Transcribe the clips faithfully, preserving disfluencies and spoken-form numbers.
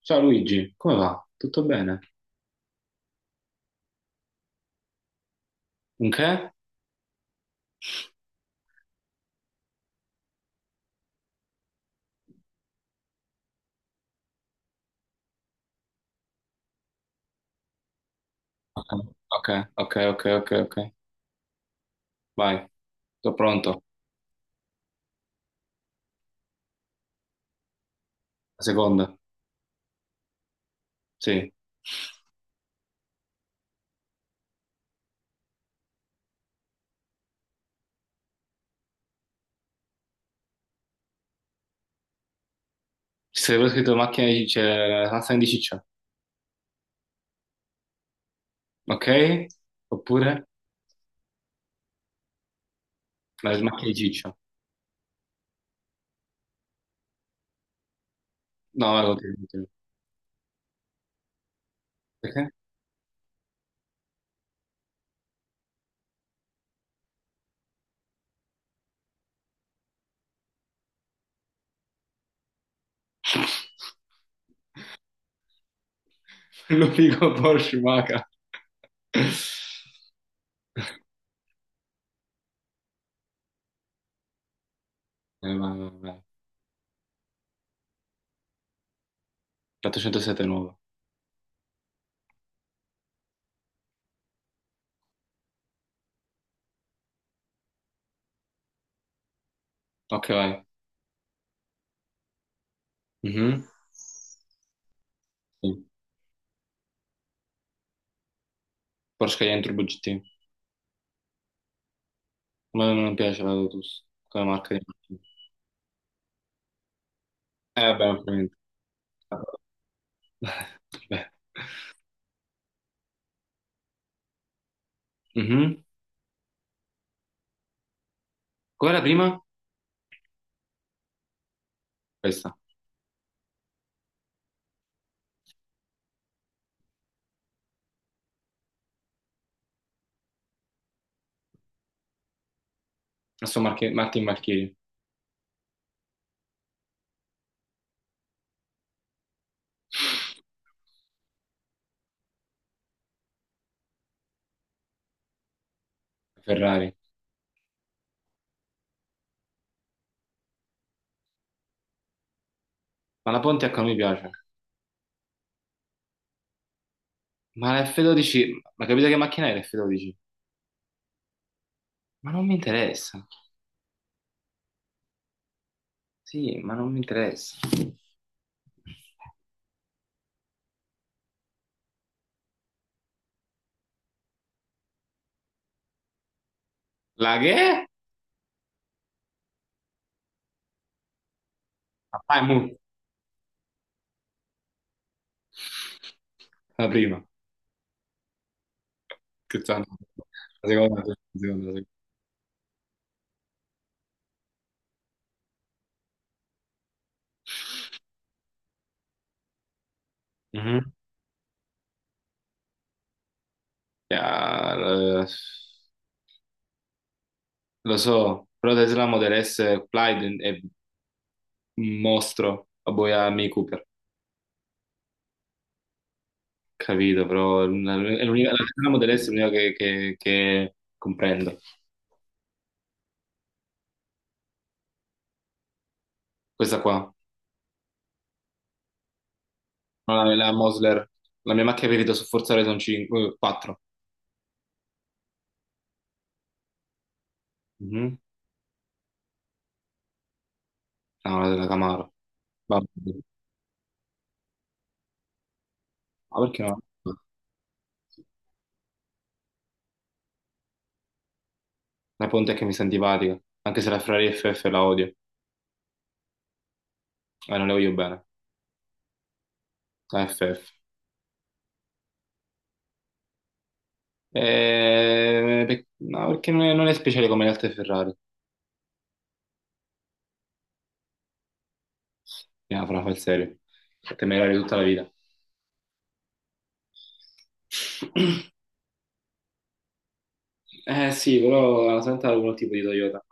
Ciao Luigi, come va? Tutto bene? Un che? Ok, ok, ok, ok, ok. Vai, sono pronto. La seconda. Sì. Ci sarebbe scritto macchina di ciccia, la macchina di ciccia. Ok? Oppure la macchina di ciccia. No, vai, continua, continua. Perché? Lo dico Porsche Maca. Vai, vai, vai, vai. quattrocentosette nuova. Ok, vai. Mhm. Sì. Porsche Cayenne Turbo G T. A me non piace la Lotus, come marca di macchina. Eh, vabbè, ovviamente. Vabbè. Mhm. Qual era la prima? Questa. Aston Marche- Martin Marchini, Ferrari. Ma la Pontiac non mi piace. Ma la F dodici, ma capite che macchina è l'F dodici? Ma non mi interessa. Sì, ma non mi interessa. La che? Ah, è mu. La prima. Scherzando. La seconda, la seconda, la seconda. Mhm. Ja, eh, lo so, però Tesla Model S Plaid è un mostro, a voi a Mini Cooper, capito, però è l'unica- la Tesla Model S è l'unica che, che- che comprendo. Questa qua. No, la, la Mosler, la mia macchina preferita su Forza Horizon cinque, quattro. Mhm. No, la della Camaro. Vabbè. Ma perché no? La Pontiac mi sta antipatica, anche se la Ferrari F F la odio, eh, non le voglio bene, la F F. Eh, pe- no, perché non è, non è speciale come le altre Ferrari, no, fra fa il serio, temerario tutta la vita. Eh sì, però la Santa ha un tipo di Toyota,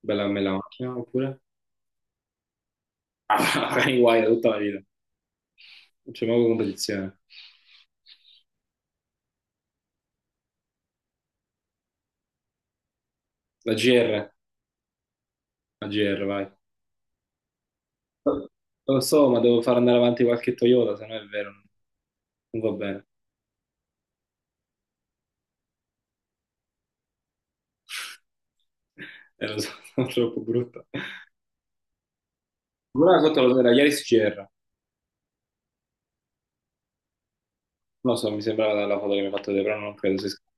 bella bella macchina, oppure? Ah, magari guai tutta la vita, non c'è mai competizione. La G R. A G R, vai. Lo so, ma devo far andare avanti qualche Toyota, se no è vero, non va bene. Eh, lo so, sono troppo brutto. Una cosa lo era Yaris G R. Non lo so, mi sembrava dalla foto che mi hai fatto vedere, però non credo sia scritta.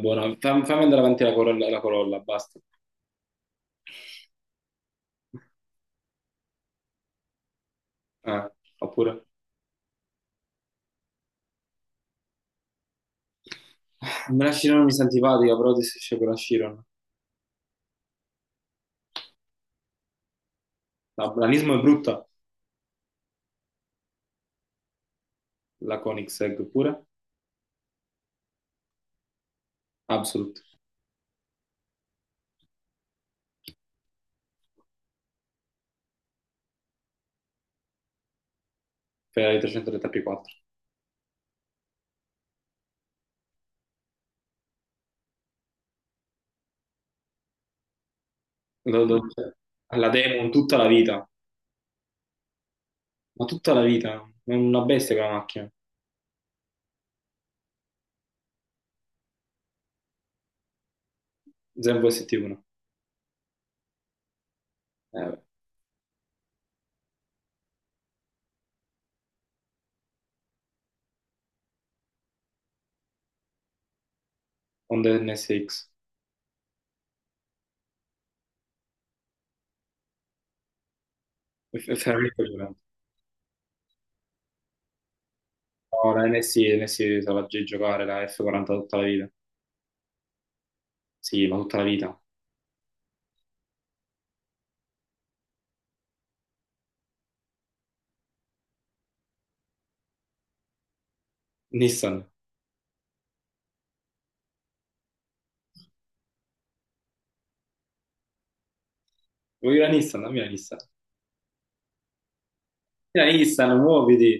Buona. Fammi, fammi andare avanti la Corolla, la Corolla, basta. Ah, oppure, ah, me la Chiron mi sta antipatica, però ti esce con la Chiron. La Blanismo è brutta, la Koenigsegg pure. Absolute, Ferrari trecentotrenta P quattro. Lo- lo- la Demon tutta la vita. Ma tutta la vita, è una bestia quella macchina, Zen S T uno, eh, Honda N S X, è è veramente violento. No, la N S I, N S I se la gi- giocare, la F quaranta tutta la vita, sì, ma tutta la vita. Nissan, vuoi la Nissan? Dammi la Nissan. La Nissan, muoviti!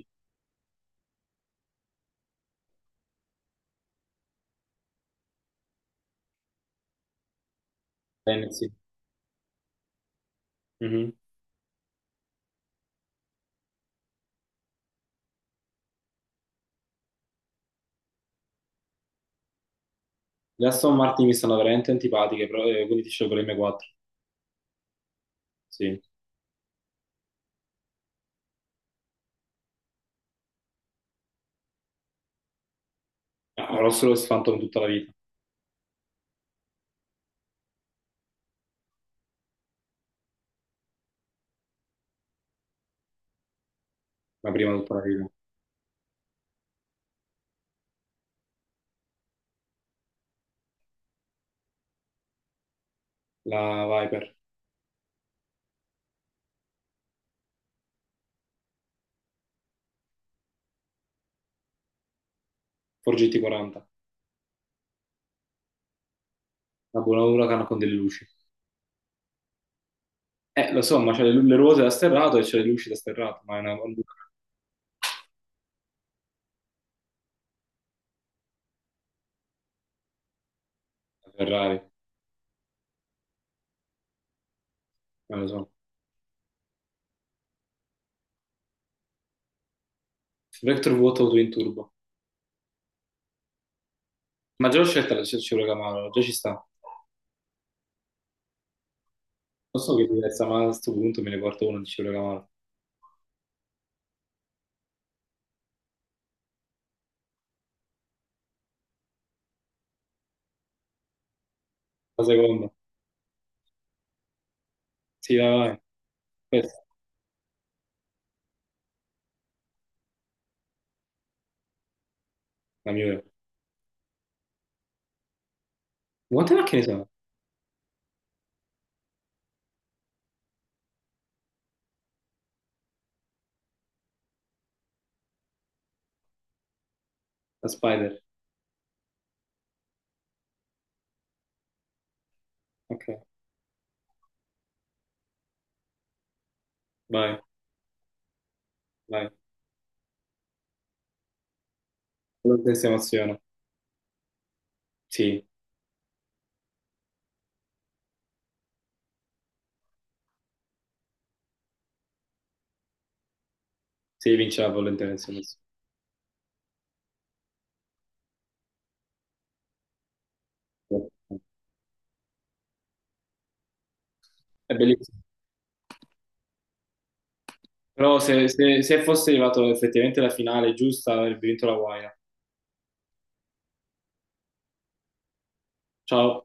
La N S I. Mhm. Le Aston Martin mi stanno veramente antipatiche, però, eh, quindi ti scelgo l'M quattro, sì. No, avrò solo il Phantom tutta la vita, la prima tutta la vita. La Viper, Ford G T quaranta, la buona Huracan con delle luci. Eh, lo so, ma c'è le, le ruote da sterrato e c'è le luci da sterrato, ma è una bandura da Ferrari, non lo so. Vector vuoto auto in turbo. Ma già l'ho scelta la Chevrolet Camaro, già ci sta. Lo so che è diversa, ma a questo punto me ne porto uno di Chevrolet Camaro. La seconda. Sì, vai, vai. Questa, la migliore. Quante macchine sono? La Spider. Ok, vai, vai. Volontaria emoziona. Sì, sì, vince la volontaria emoziona. È bellissimo. Però se, se- se fosse arrivato effettivamente alla finale giusta, avrebbe vinto la guaina. Ciao.